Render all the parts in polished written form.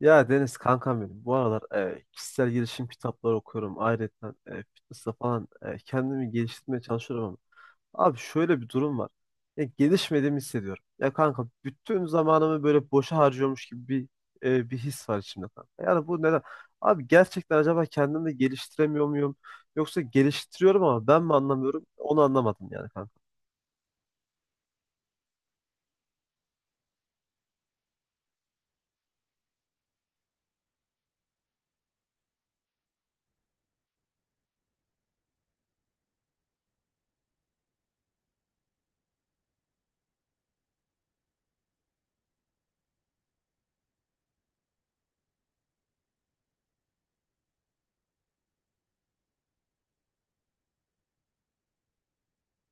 Ya Deniz kankam benim. Bu aralar kişisel gelişim kitapları okuyorum. Ayrıca fitness'la falan kendimi geliştirmeye çalışıyorum ama. Abi şöyle bir durum var. Ya, gelişmediğimi hissediyorum. Ya kanka bütün zamanımı böyle boşa harcıyormuş gibi bir his var içimde kanka. Yani bu neden? Abi gerçekten acaba kendimi de geliştiremiyor muyum? Yoksa geliştiriyorum ama ben mi anlamıyorum? Onu anlamadım yani kanka.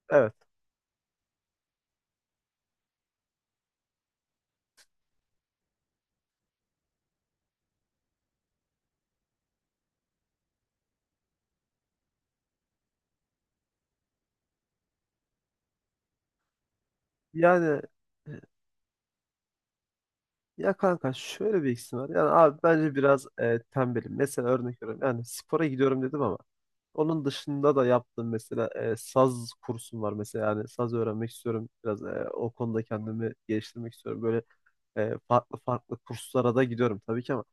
Evet. Yani, ya kanka şöyle bir eksim var. Yani abi bence biraz tembelim. Mesela örnek veriyorum. Yani spora gidiyorum dedim ama onun dışında da yaptığım mesela saz kursum var mesela. Yani saz öğrenmek istiyorum. Biraz o konuda kendimi geliştirmek istiyorum. Böyle farklı farklı kurslara da gidiyorum tabii ki ama.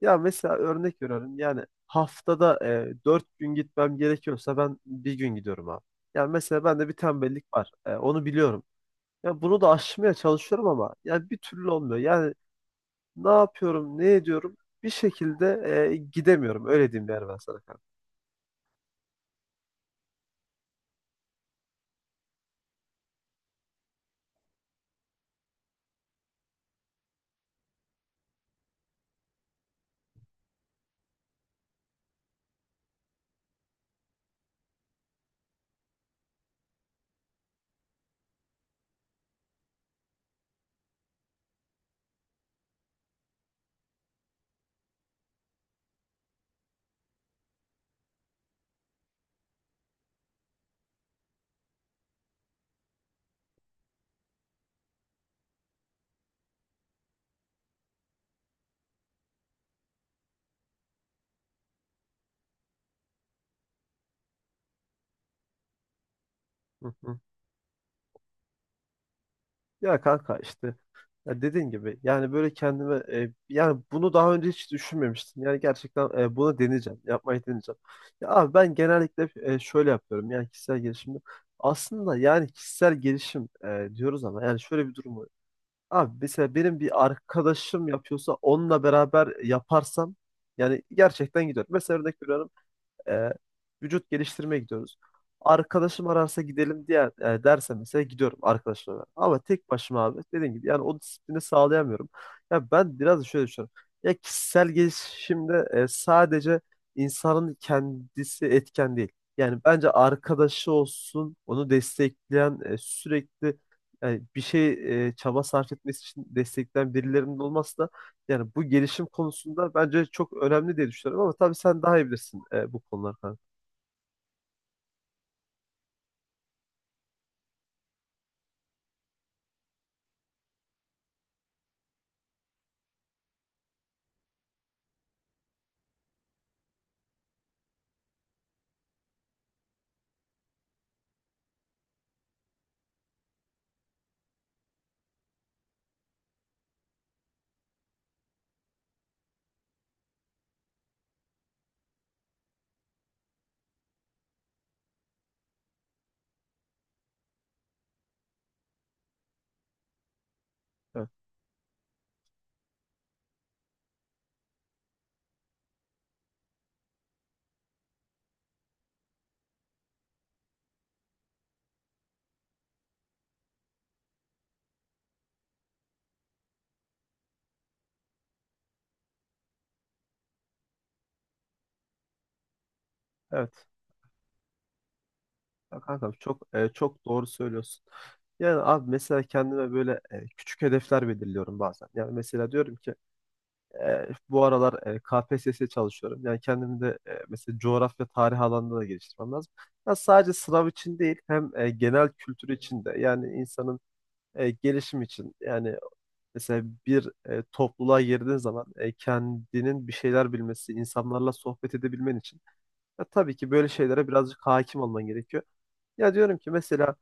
Ya mesela örnek veriyorum. Yani haftada 4 gün gitmem gerekiyorsa ben bir gün gidiyorum abi. Yani mesela bende bir tembellik var. Onu biliyorum. Ya bunu da aşmaya çalışıyorum ama ya bir türlü olmuyor. Yani ne yapıyorum, ne ediyorum? Bir şekilde gidemiyorum. Öyle diyeyim yani ben sana kanka. Hı hı. Ya kanka işte, ya dediğin gibi yani böyle kendime yani bunu daha önce hiç düşünmemiştim. Yani gerçekten bunu deneyeceğim. Yapmayı deneyeceğim. Ya abi ben genellikle şöyle yapıyorum. Yani kişisel gelişimde aslında yani kişisel gelişim diyoruz ama yani şöyle bir durum var. Abi mesela benim bir arkadaşım yapıyorsa onunla beraber yaparsam yani gerçekten gidiyor. Mesela örnek veriyorum. e, Vücut geliştirmeye gidiyoruz. Arkadaşım ararsa gidelim diye derse mesela gidiyorum arkadaşlarla beraber. Ama tek başıma abi dediğim gibi yani o disiplini sağlayamıyorum. Ya ben biraz da şöyle düşünüyorum. Ya kişisel gelişimde sadece insanın kendisi etken değil. Yani bence arkadaşı olsun, onu destekleyen sürekli yani bir şey çaba sarf etmesi için destekleyen birilerinin olması da yani bu gelişim konusunda bence çok önemli diye düşünüyorum ama tabii sen daha iyi bilirsin bu konular kanka. Evet. Evet. Ya kankam çok çok doğru söylüyorsun. Yani abi mesela kendime böyle küçük hedefler belirliyorum bazen. Yani mesela diyorum ki bu aralar KPSS'ye çalışıyorum. Yani kendimi de mesela coğrafya tarih alanında da geliştirmem lazım. Ya sadece sınav için değil, hem genel kültür için de yani insanın gelişim için. Yani mesela bir topluluğa girdiğin zaman kendinin bir şeyler bilmesi, insanlarla sohbet edebilmen için, ya tabii ki böyle şeylere birazcık hakim olman gerekiyor. Ya diyorum ki mesela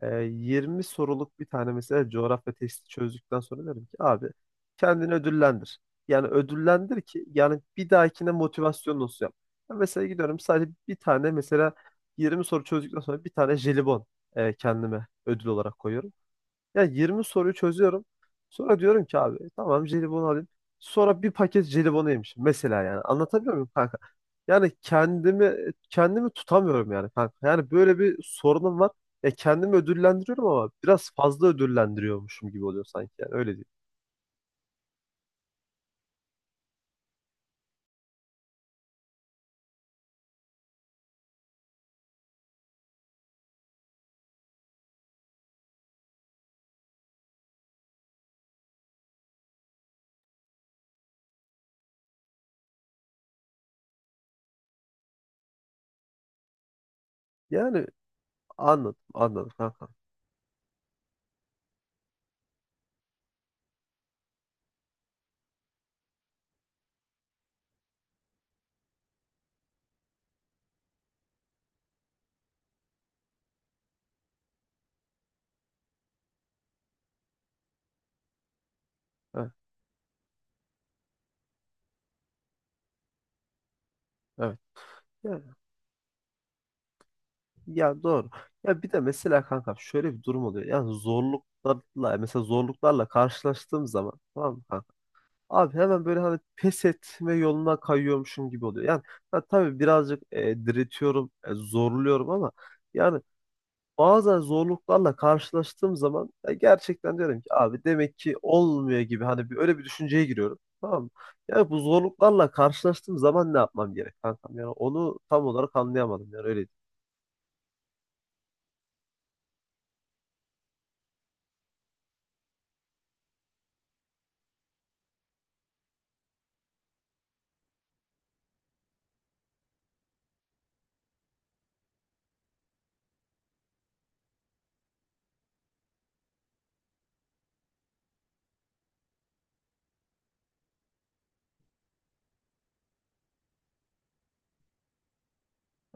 20 soruluk bir tane mesela coğrafya testi çözdükten sonra derim ki abi kendini ödüllendir. Yani ödüllendir ki yani bir dahakine motivasyon olsun yap. Ya mesela gidiyorum sadece bir tane mesela 20 soru çözdükten sonra bir tane jelibon kendime ödül olarak koyuyorum. Ya 20 soruyu çözüyorum. Sonra diyorum ki abi tamam jelibon alayım. Sonra bir paket jelibonu yemişim mesela yani. Anlatabiliyor muyum kanka? Yani kendimi tutamıyorum yani kanka. Yani böyle bir sorunum var. Ya kendimi ödüllendiriyorum ama biraz fazla ödüllendiriyormuşum gibi oluyor sanki yani öyle değil. Yani anladım anladım kanka. Evet. Evet. Ya, ya doğru. Ya bir de mesela kanka şöyle bir durum oluyor. Yani zorluklarla mesela zorluklarla karşılaştığım zaman tamam mı kanka? Abi hemen böyle hani pes etme yoluna kayıyormuşum gibi oluyor. Yani ha, tabii birazcık diretiyorum, zorluyorum ama yani bazen zorluklarla karşılaştığım zaman ya gerçekten diyorum ki abi demek ki olmuyor gibi hani bir, öyle bir düşünceye giriyorum. Tamam mı? Yani bu zorluklarla karşılaştığım zaman ne yapmam gerek kankam? Yani onu tam olarak anlayamadım yani öyle.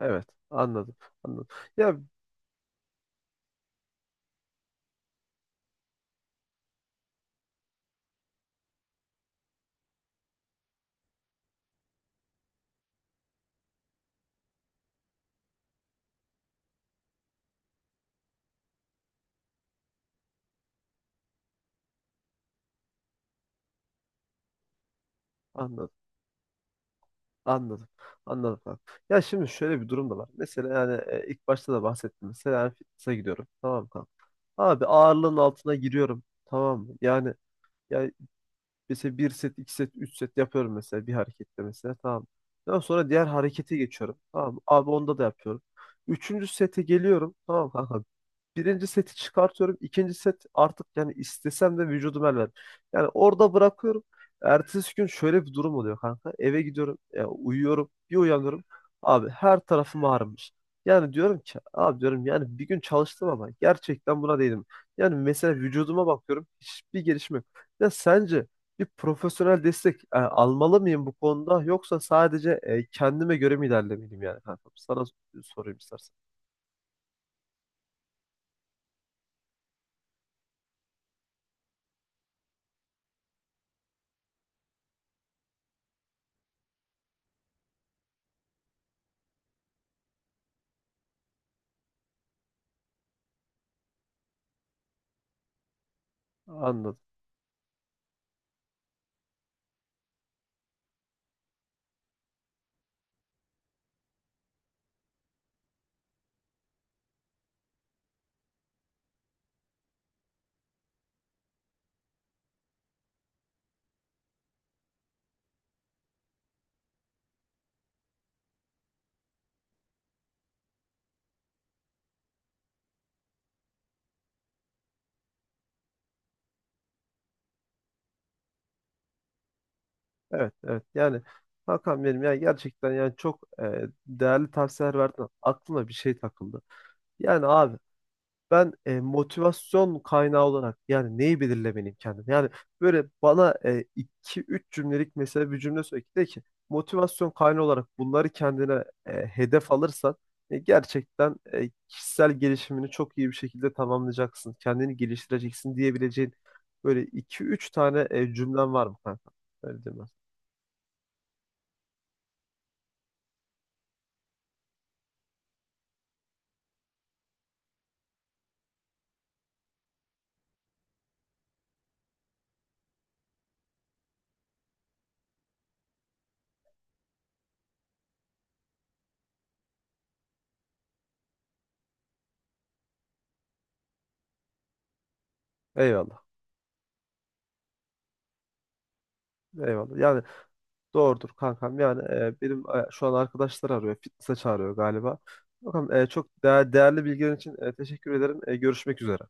Evet, anladım. Anladım. Ya, anladım. Anladım. Anladım abi. Ya şimdi şöyle bir durum da var. Mesela yani ilk başta da bahsettim. Mesela yani fitness'a gidiyorum. Tamam mı kanka? Abi ağırlığın altına giriyorum. Tamam mı? Yani yani mesela bir set, iki set, üç set yapıyorum mesela bir harekette mesela. Tamam. Daha sonra diğer harekete geçiyorum. Tamam mı? Abi onda da yapıyorum. Üçüncü sete geliyorum. Tamam mı, kanka? Birinci seti çıkartıyorum. İkinci set artık yani istesem de vücudum el vermiyor. Yani orada bırakıyorum. Ertesi gün şöyle bir durum oluyor kanka. Eve gidiyorum. Ya uyuyorum. Bir uyanıyorum. Abi her tarafım ağrımış. Yani diyorum ki abi diyorum yani bir gün çalıştım ama gerçekten buna değdim. Yani mesela vücuduma bakıyorum. Hiçbir gelişme yok. Ya sence bir profesyonel destek almalı mıyım bu konuda yoksa sadece kendime göre mi ilerlemeliyim yani kanka? Sana sorayım istersen. Anladım. Evet, evet. Yani Hakan benim, ya gerçekten yani çok değerli tavsiyeler verdin. Aklıma bir şey takıldı. Yani abi ben motivasyon kaynağı olarak yani neyi belirlemeliyim kendim? Yani böyle bana iki üç cümlelik mesela bir cümle söyle ki de ki motivasyon kaynağı olarak bunları kendine hedef alırsan gerçekten kişisel gelişimini çok iyi bir şekilde tamamlayacaksın. Kendini geliştireceksin diyebileceğin böyle iki üç tane cümlen var mı kanka? Öyle diyeyim ben. Eyvallah. Eyvallah. Yani doğrudur kankam. Yani benim şu an arkadaşlar arıyor. Fitness'e çağırıyor galiba. Bakalım çok değerli bilgilerin için teşekkür ederim. Görüşmek üzere.